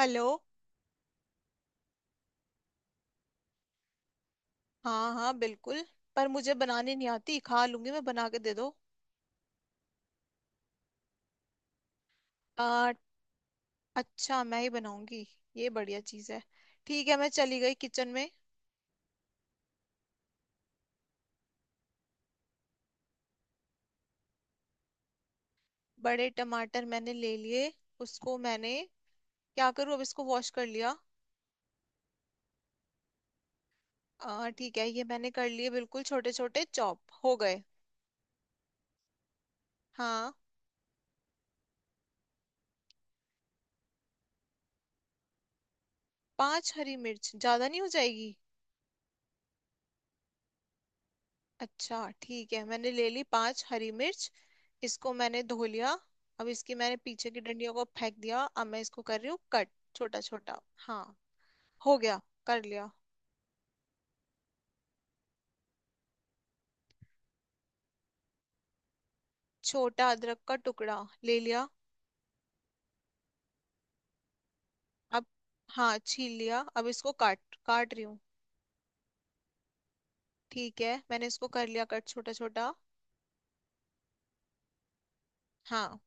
Hello. हाँ हाँ बिल्कुल। पर मुझे बनाने नहीं आती खा लूंगी मैं बना के दे दो। आ, अच्छा मैं ही बनाऊंगी। ये बढ़िया चीज है। ठीक है मैं चली गई किचन में। बड़े टमाटर मैंने ले लिए। उसको मैंने क्या करूँ अब इसको वॉश कर लिया। ठीक है ये मैंने कर लिए बिल्कुल छोटे छोटे चॉप हो गए। हाँ। पांच हरी मिर्च ज्यादा नहीं हो जाएगी? अच्छा ठीक है मैंने ले ली पांच हरी मिर्च। इसको मैंने धो लिया। अब इसकी मैंने पीछे की डंडियों को फेंक दिया अब मैं इसको कर रही हूँ कट। छोटा छोटा। हाँ। हो गया। कर लिया। छोटा अदरक का टुकड़ा। ले लिया। अब। हाँ छील लिया अब इसको काट काट रही हूँ। ठीक है मैंने इसको कर लिया कट छोटा छोटा। हाँ।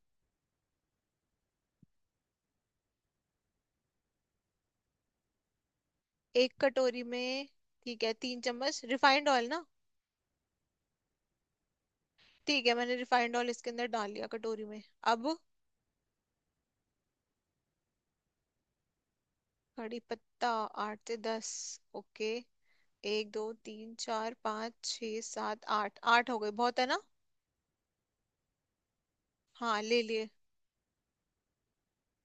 एक कटोरी में। ठीक है 3 चम्मच रिफाइंड ऑयल ना। ठीक है मैंने रिफाइंड ऑयल इसके अंदर डाल लिया कटोरी में। अब। कड़ी पत्ता। आठ से दस। ओके। एक दो तीन चार पाँच छः सात आठ आठ हो गए बहुत है ना। हाँ ले लिए।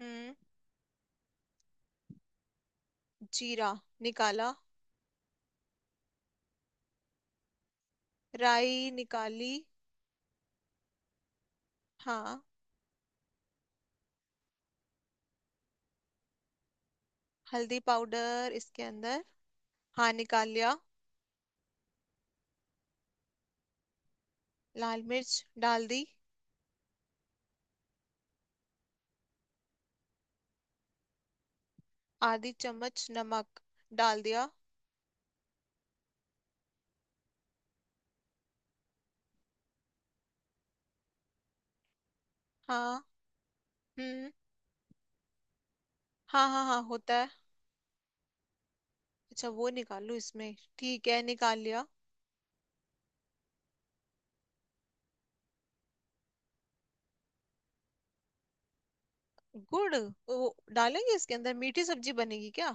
हम्म। जीरा। निकाला। राई निकाली। हाँ। हल्दी पाउडर इसके अंदर। हाँ निकाल लिया। लाल मिर्च। डाल दी। आधी चम्मच नमक। डाल दिया। हाँ। हम्म। हाँ हाँ हाँ होता है। अच्छा वो निकाल लूँ इसमें ठीक है निकाल लिया। गुड़। वो डालेंगे इसके अंदर मीठी सब्जी बनेगी क्या?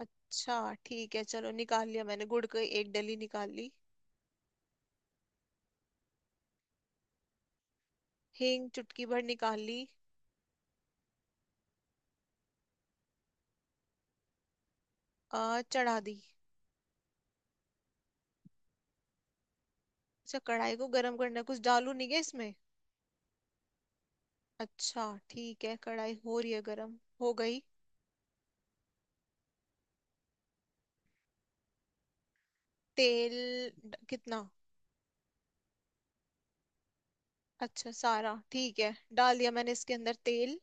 अच्छा ठीक है चलो निकाल लिया मैंने गुड़ की एक डली निकाल ली। हींग चुटकी भर निकाल ली। चढ़ा दी। अच्छा कढ़ाई को गर्म करना है कुछ डालू नहीं क्या इसमें? अच्छा। ठीक है कढ़ाई हो रही है गर्म हो गई। तेल। कितना? अच्छा सारा ठीक है। डाल दिया मैंने इसके अंदर तेल।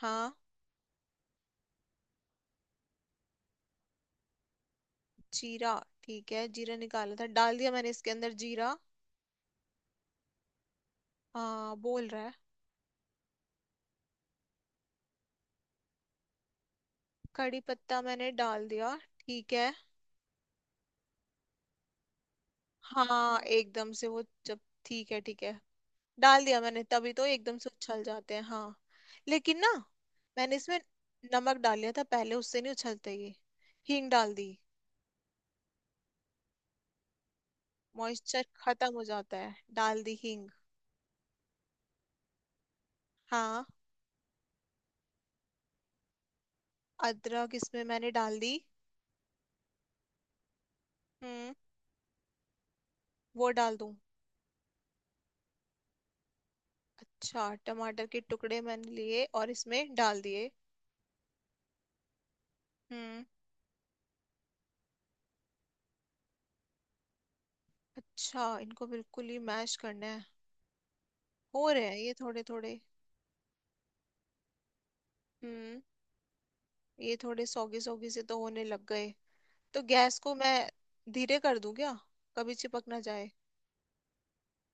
हाँ। जीरा। ठीक है जीरा निकाला था डाल दिया मैंने इसके अंदर जीरा। हाँ बोल रहा है। कड़ी पत्ता मैंने डाल दिया ठीक है। हाँ एकदम से वो जब। ठीक है ठीक है। डाल दिया मैंने तभी तो एकदम से उछल जाते हैं हाँ। लेकिन ना। मैंने इसमें। नमक डाल लिया था पहले उससे नहीं उछलते ये। हींग डाल दी। मॉइस्चर खत्म हो जाता है डाल दी हींग। हाँ। अदरक इसमें मैंने डाल दी। हम्म। वो डाल दूं? अच्छा टमाटर के टुकड़े मैंने लिए और इसमें डाल दिए। हम्म। अच्छा इनको बिल्कुल ही मैश करना है। हो रहे हैं ये थोड़े थोड़े। हम्म। ये थोड़े सौगी सौगी से तो होने लग गए। तो गैस को मैं धीरे कर दूं क्या? कभी चिपक ना जाए।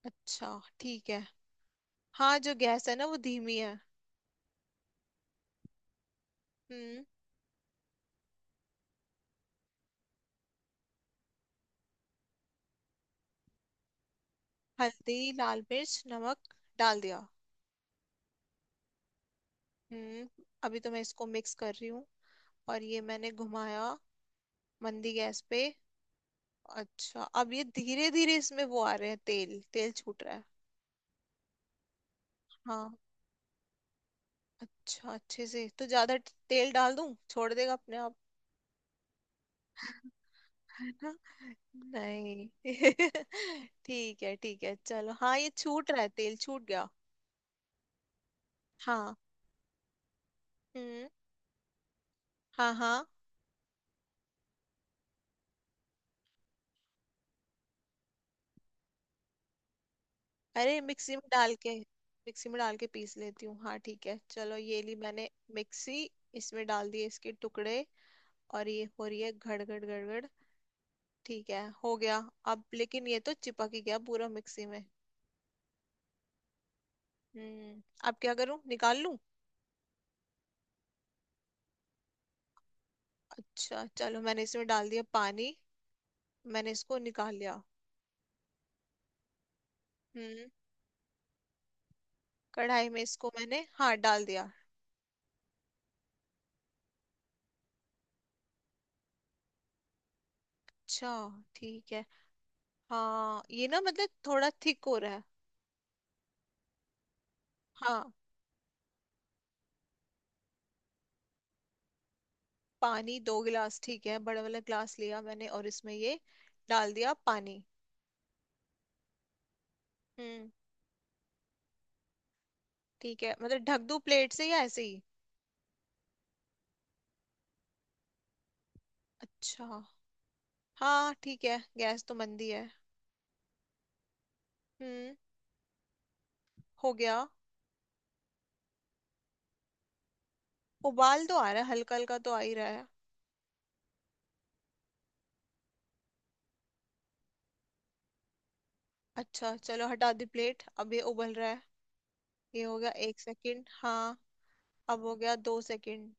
अच्छा ठीक है। हाँ जो गैस है ना वो धीमी है। हम्म। हल्दी लाल मिर्च नमक डाल दिया। हम्म। अभी तो मैं इसको मिक्स कर रही हूँ। और ये मैंने घुमाया मंदी गैस पे। अच्छा अब ये धीरे धीरे इसमें वो आ रहे हैं तेल तेल छूट रहा है। हाँ। अच्छा अच्छे से तो ज्यादा तेल डाल दूं छोड़ देगा अपने आप। है ना। नहीं ठीक है चलो हाँ ये छूट रहा है तेल छूट गया। हाँ। हम्म। हाँ हाँ। अरे मिक्सी में डाल के। मिक्सी में डाल के पीस लेती हूँ हाँ ठीक है चलो ये ली मैंने मिक्सी। इसमें डाल दिए इसके टुकड़े। और ये हो रही है घड़ घड़ घड़ घड़। ठीक है हो गया। अब लेकिन ये तो चिपक ही गया पूरा मिक्सी में। हम्म। अब क्या करूं निकाल लूं? अच्छा चलो मैंने इसमें डाल दिया पानी। मैंने इसको निकाल लिया। हम्म। कढ़ाई में इसको मैंने हाँ डाल दिया। अच्छा ठीक है। हाँ ये ना मतलब थोड़ा थिक हो रहा है। हाँ पानी 2 गिलास ठीक है बड़ा वाला ग्लास लिया मैंने और इसमें ये डाल दिया पानी। हम्म। ठीक है मतलब ढक दूं प्लेट से या ऐसे ही? अच्छा। हाँ ठीक है गैस तो मंदी है। हम्म। हो गया। उबाल तो आ रहा है हल्का हल्का तो आ ही रहा है। अच्छा चलो हटा दी प्लेट अब ये उबल रहा है। ये हो गया 1 सेकंड हाँ। अब हो गया 2 सेकंड।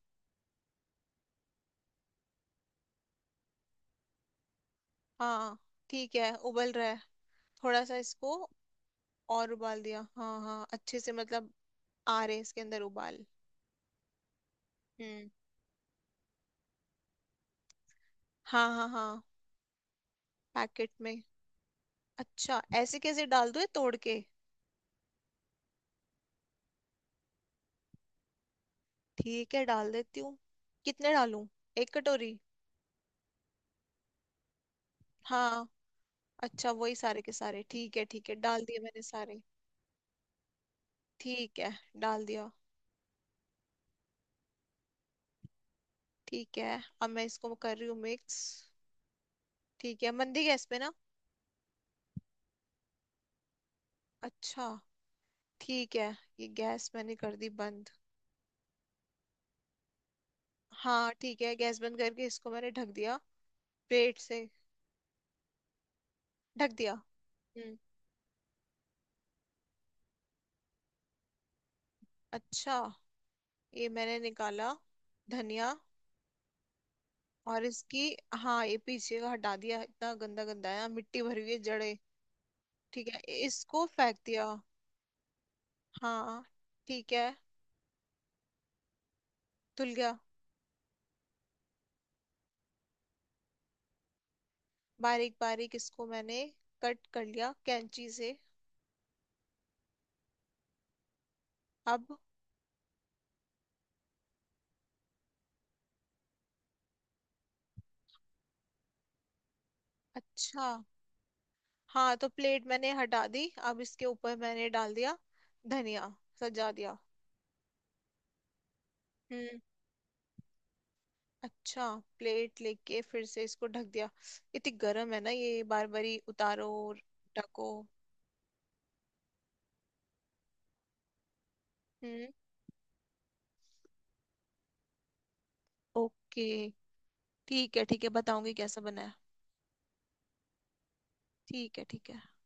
हाँ ठीक है उबल रहा है। थोड़ा सा इसको और उबाल दिया हाँ हाँ अच्छे से मतलब आ रहे इसके अंदर उबाल। हम्म। हाँ हाँ हाँ। पैकेट में। अच्छा ऐसे कैसे डाल दूँ ये तोड़ के। ठीक है डाल देती हूँ। कितने डालूं? एक कटोरी। हाँ। अच्छा वही सारे के सारे ठीक है डाल दिए मैंने सारे। ठीक है डाल दिया। ठीक है अब मैं इसको कर रही हूँ मिक्स। ठीक है मंदी गैस पे ना। अच्छा ठीक है। ये गैस मैंने कर दी बंद। हाँ ठीक है गैस बंद करके इसको मैंने ढक दिया प्लेट से। ढक दिया। हम्म। अच्छा ये मैंने निकाला धनिया। और इसकी हाँ ये पीछे का हटा दिया इतना गंदा गंदा है मिट्टी भरी हुई है जड़े। ठीक है इसको फेंक दिया। हाँ। ठीक है। धुल गया। बारीक बारीक इसको मैंने कट कर लिया कैंची से। अब। अच्छा हाँ तो प्लेट मैंने हटा दी अब इसके ऊपर मैंने डाल दिया धनिया सजा दिया। हम्म। अच्छा प्लेट लेके फिर से इसको ढक दिया। इतनी गर्म है ना ये बार बारी उतारो और ढको। हम्म। ओके। ठीक है बताऊंगी कैसा बना है। ठीक है ठीक है।